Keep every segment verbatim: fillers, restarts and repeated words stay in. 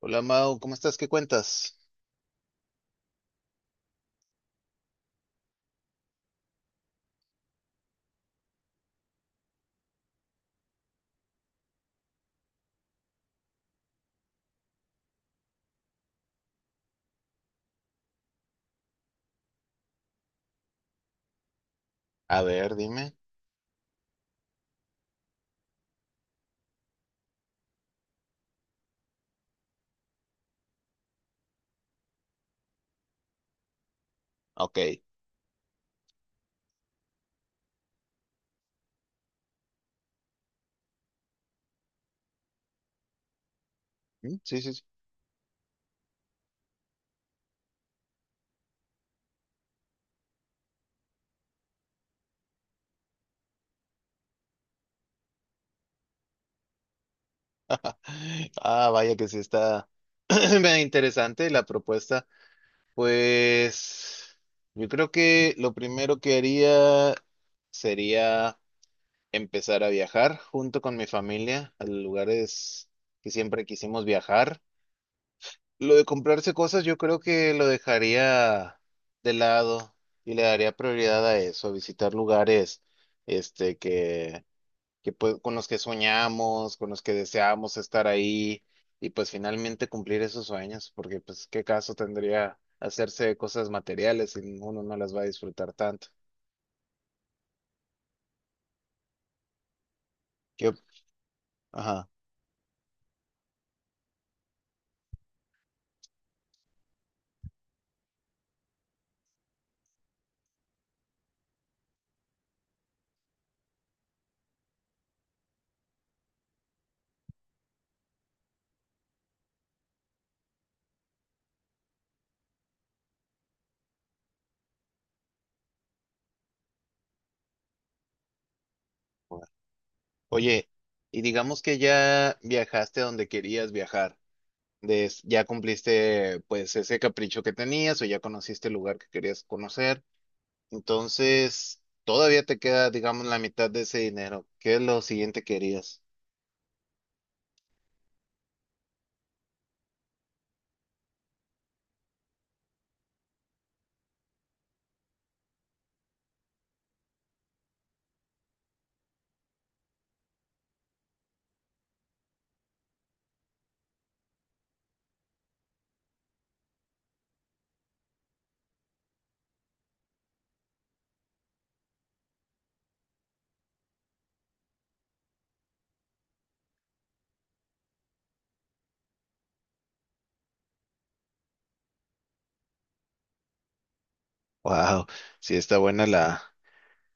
Hola Mau, ¿cómo estás? ¿Qué cuentas? A ver, dime. Ok. Mm, sí, sí, sí. Ah, vaya que sí está medio interesante la propuesta. Pues yo creo que lo primero que haría sería empezar a viajar junto con mi familia a lugares que siempre quisimos viajar. Lo de comprarse cosas yo creo que lo dejaría de lado y le daría prioridad a eso, a visitar lugares este que que pue- con los que soñamos, con los que deseamos estar ahí y pues finalmente cumplir esos sueños, porque pues qué caso tendría hacerse de cosas materiales si uno no las va a disfrutar tanto. ¿Qué op- Ajá. Oye, y digamos que ya viajaste a donde querías viajar, des- ya cumpliste pues ese capricho que tenías o ya conociste el lugar que querías conocer, entonces todavía te queda, digamos, la mitad de ese dinero. ¿Qué es lo siguiente que harías? Wow, sí está buena la,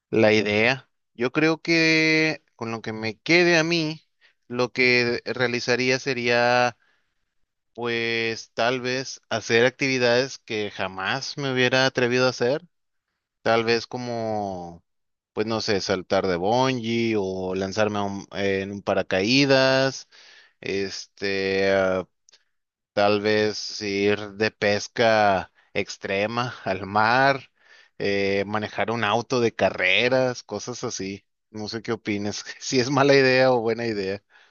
La idea, yo creo que con lo que me quede a mí, lo que realizaría sería, pues tal vez hacer actividades que jamás me hubiera atrevido a hacer, tal vez como, pues no sé, saltar de bungee o lanzarme a un- en un paracaídas, este, tal vez ir de pesca extrema al mar, eh, manejar un auto de carreras, cosas así. No sé qué opinas, si es mala idea o buena idea.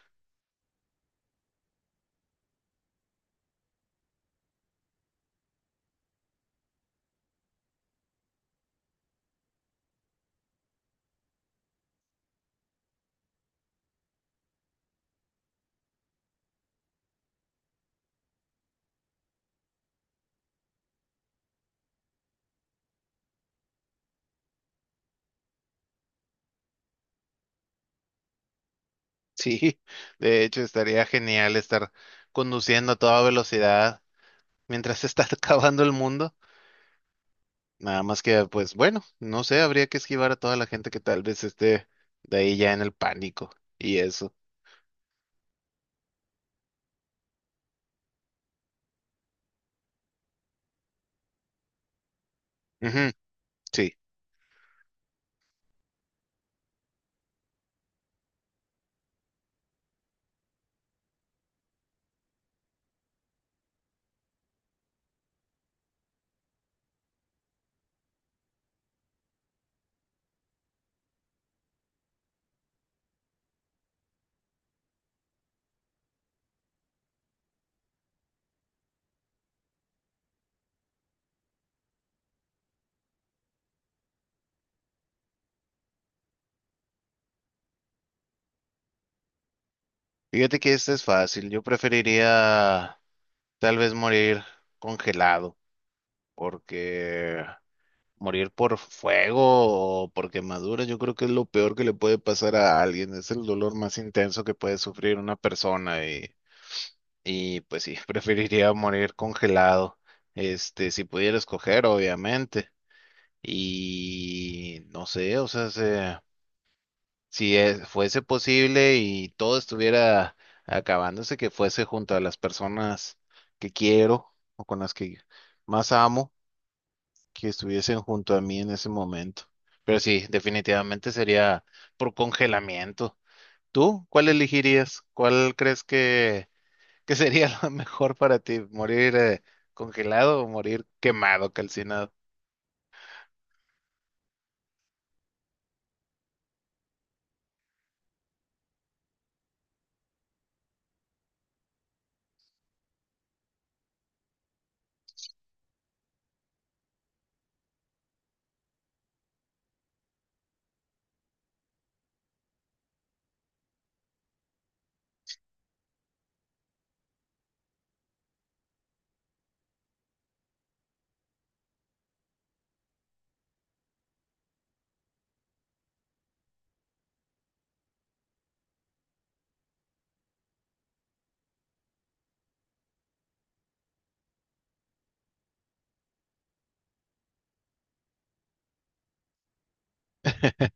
Sí, de hecho estaría genial estar conduciendo a toda velocidad mientras se está acabando el mundo. Nada más que, pues bueno, no sé, habría que esquivar a toda la gente que tal vez esté de ahí ya en el pánico y eso. Ujú, sí, fíjate que este es fácil. Yo preferiría tal vez morir congelado, porque morir por fuego o por quemadura, yo creo que es lo peor que le puede pasar a alguien. Es el dolor más intenso que puede sufrir una persona y, y pues sí, preferiría morir congelado. Este, si pudiera escoger, obviamente. Y no sé, o sea, se, si eh, fuese posible y todo estuviera acabándose, que fuese junto a las personas que quiero o con las que más amo, que estuviesen junto a mí en ese momento. Pero sí, definitivamente sería por congelamiento. ¿Tú cuál elegirías? ¿Cuál crees que, ¿que sería lo mejor para ti? ¿Morir eh, congelado o morir quemado, calcinado?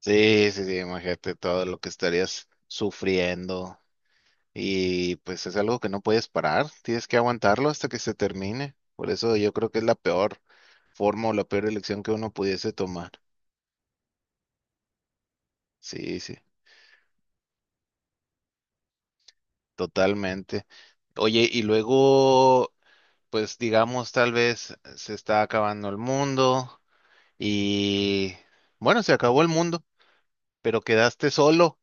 Sí, sí, sí, imagínate todo lo que estarías sufriendo. Y pues es algo que no puedes parar, tienes que aguantarlo hasta que se termine. Por eso yo creo que es la peor forma o la peor elección que uno pudiese tomar. Sí, sí, totalmente. Oye, y luego, pues digamos, tal vez se está acabando el mundo y bueno, se acabó el mundo, pero quedaste solo.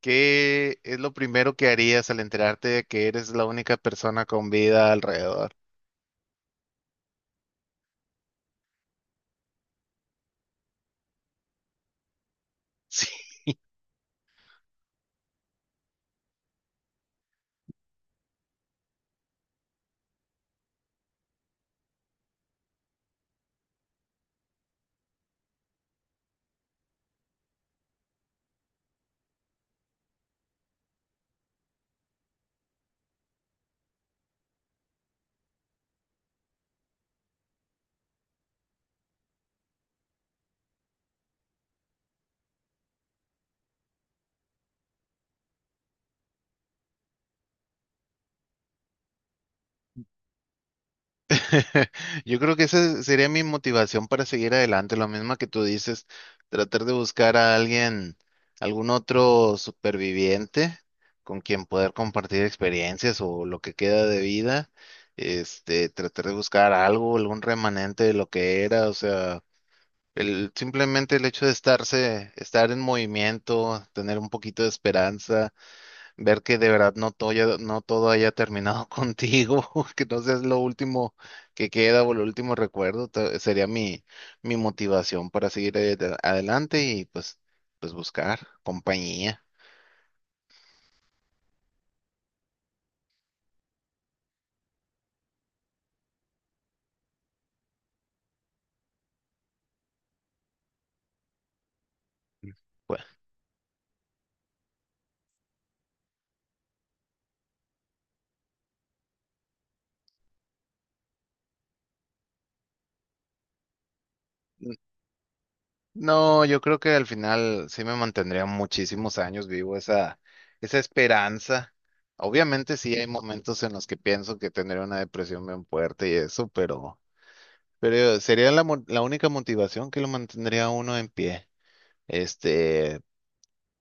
¿Qué es lo primero que harías al enterarte de que eres la única persona con vida alrededor? Yo creo que esa sería mi motivación para seguir adelante, lo mismo que tú dices, tratar de buscar a alguien, algún otro superviviente con quien poder compartir experiencias o lo que queda de vida, este, tratar de buscar algo, algún remanente de lo que era, o sea, el, simplemente el hecho de estarse, estar en movimiento, tener un poquito de esperanza, ver que de verdad no todo, haya- no todo haya terminado contigo, que no seas lo último que queda o lo último recuerdo, te- sería mi, mi motivación para seguir eh, de- adelante y pues, pues buscar compañía. Pues, n- no, yo creo que al final sí me mantendría muchísimos años vivo esa, esa esperanza. Obviamente sí hay momentos en los que pienso que tendré una depresión bien fuerte y eso, pero, pero sería la, mo- la única motivación que lo mantendría a uno en pie. Este,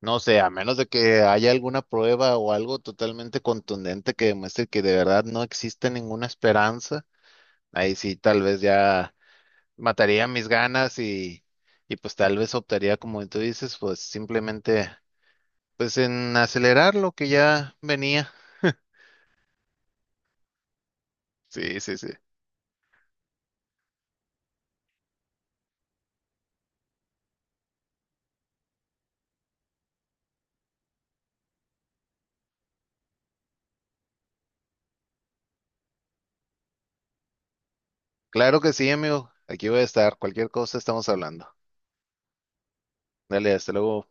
no sé, a menos de que haya alguna prueba o algo totalmente contundente que demuestre que de verdad no existe ninguna esperanza, ahí sí tal vez ya mataría mis ganas y, y pues tal vez optaría, como tú dices, pues simplemente pues en acelerar lo que ya venía. Sí, sí, sí. Claro que sí, amigo. Aquí voy a estar. Cualquier cosa estamos hablando. Dale, hasta luego.